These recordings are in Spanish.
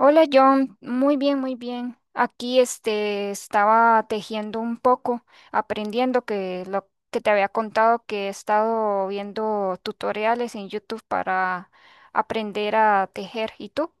Hola John, muy bien, muy bien. Aquí este estaba tejiendo un poco, aprendiendo que lo que te había contado, que he estado viendo tutoriales en YouTube para aprender a tejer. ¿Y tú?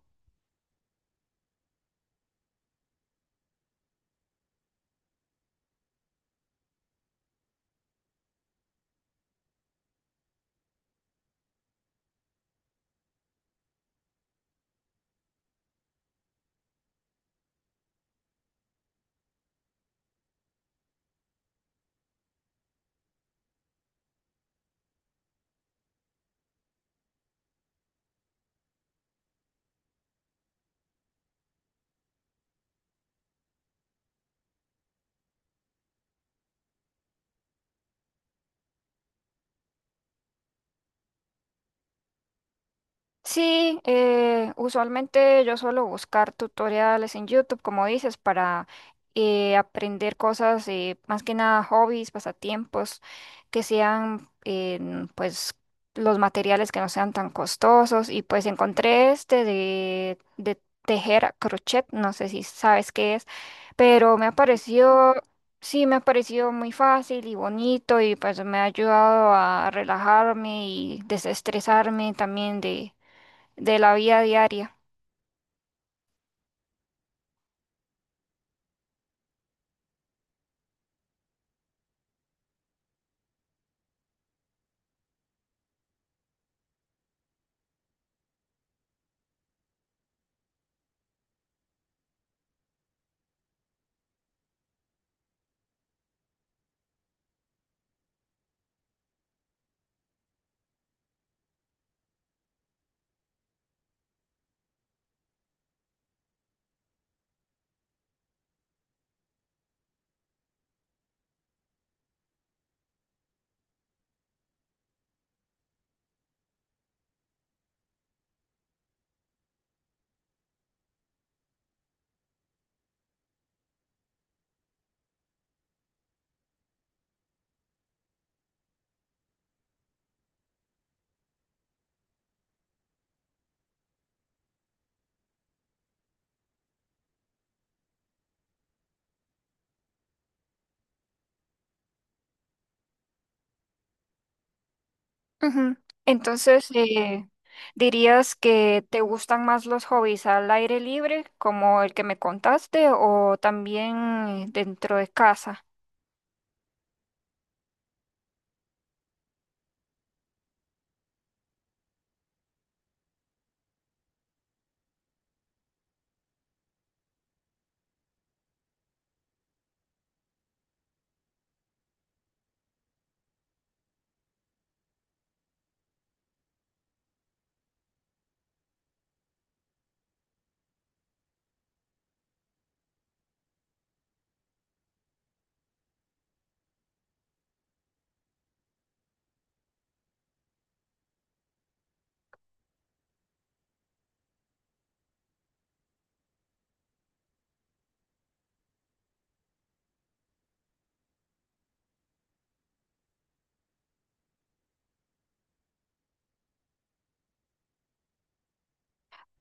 Sí, usualmente yo suelo buscar tutoriales en YouTube, como dices, para aprender cosas, más que nada hobbies, pasatiempos, que sean en, pues los materiales que no sean tan costosos. Y pues encontré este de tejer a crochet, no sé si sabes qué es, pero me ha parecido, sí, me ha parecido muy fácil y bonito, y pues me ha ayudado a relajarme y desestresarme también de la vida diaria. Ujú. Entonces, ¿dirías que te gustan más los hobbies al aire libre, como el que me contaste, o también dentro de casa?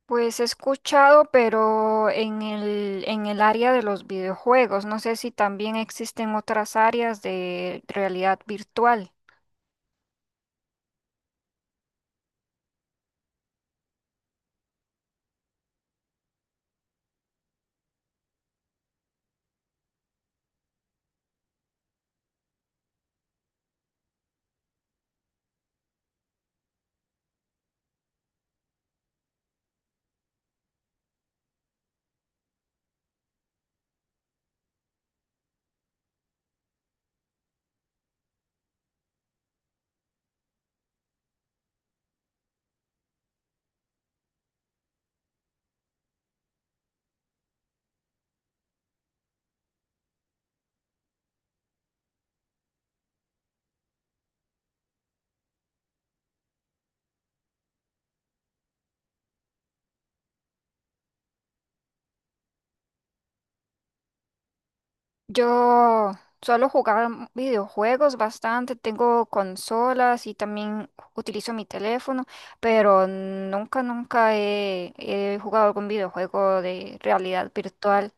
Pues he escuchado, pero en el área de los videojuegos, no sé si también existen otras áreas de realidad virtual. Yo suelo jugar videojuegos bastante, tengo consolas y también utilizo mi teléfono, pero nunca, nunca he jugado algún videojuego de realidad virtual.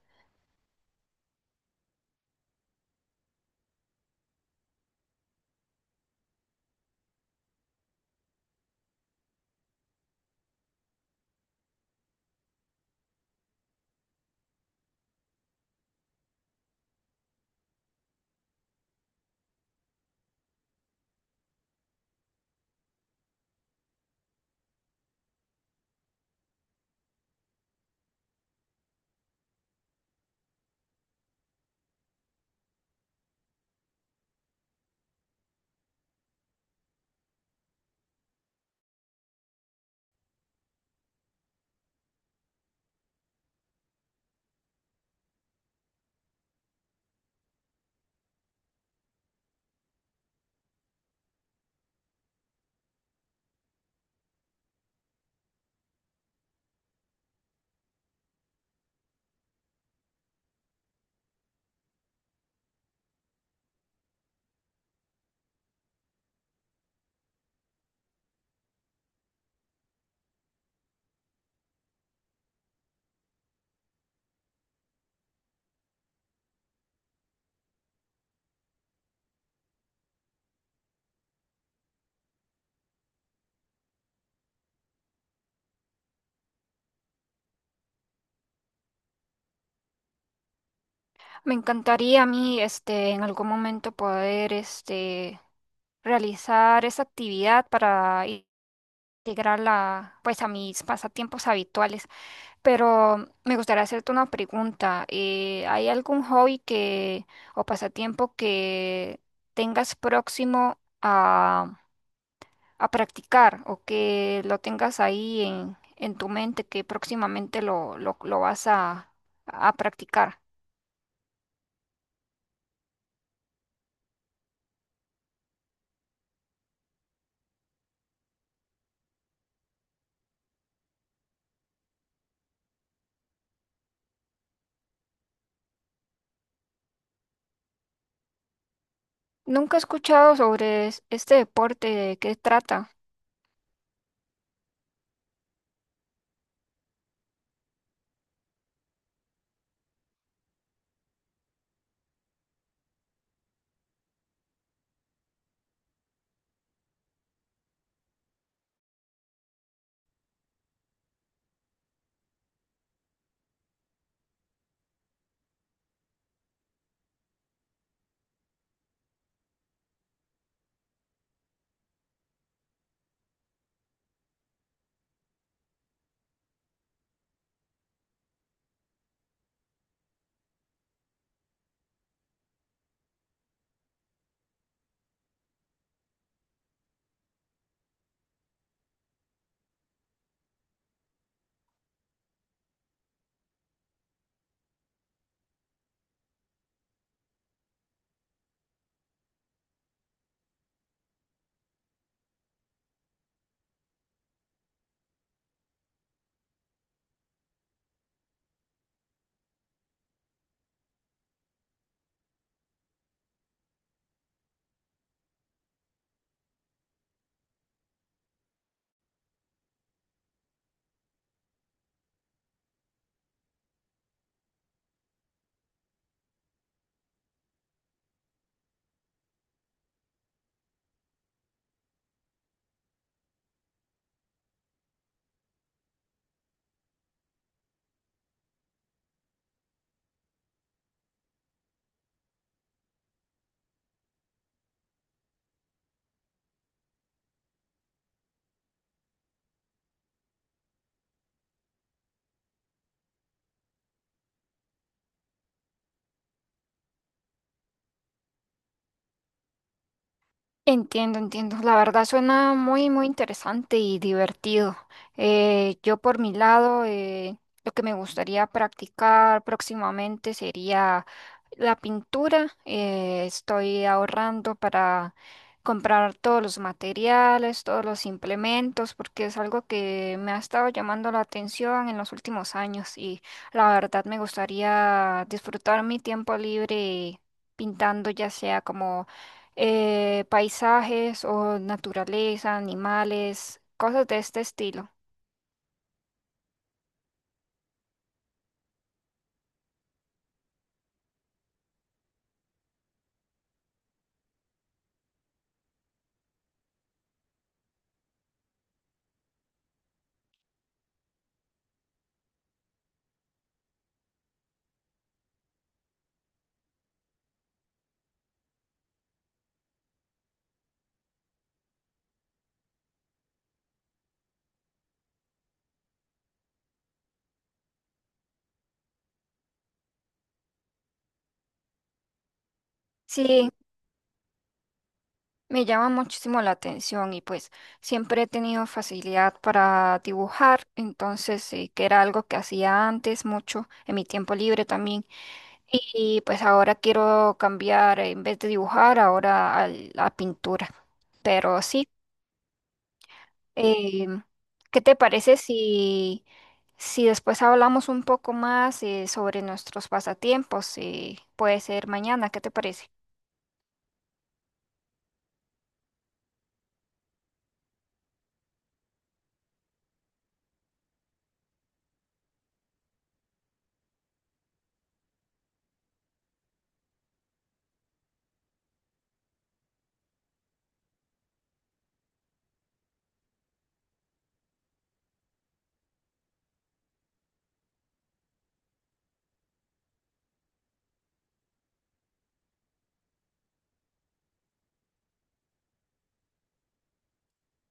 Me encantaría a mí, este, en algún momento poder, este, realizar esa actividad para integrarla, pues, a mis pasatiempos habituales. Pero me gustaría hacerte una pregunta. ¿Hay algún hobby que o pasatiempo que tengas próximo a practicar, o que lo tengas ahí en tu mente, que próximamente lo vas a practicar? Nunca he escuchado sobre este deporte, ¿de qué trata? Entiendo, entiendo. La verdad suena muy, muy interesante y divertido. Yo por mi lado, lo que me gustaría practicar próximamente sería la pintura. Estoy ahorrando para comprar todos los materiales, todos los implementos, porque es algo que me ha estado llamando la atención en los últimos años, y la verdad me gustaría disfrutar mi tiempo libre pintando, ya sea como paisajes o naturaleza, animales, cosas de este estilo. Sí, me llama muchísimo la atención y pues siempre he tenido facilidad para dibujar, entonces sí, que era algo que hacía antes mucho en mi tiempo libre también. Y pues ahora quiero cambiar, en vez de dibujar, ahora a la pintura. Pero sí. Eh, ¿Qué te parece si, si después hablamos un poco más sobre nuestros pasatiempos? Puede ser mañana, ¿qué te parece?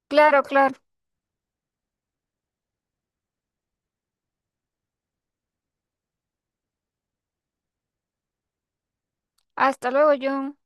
Claro, claro. Hasta luego, John.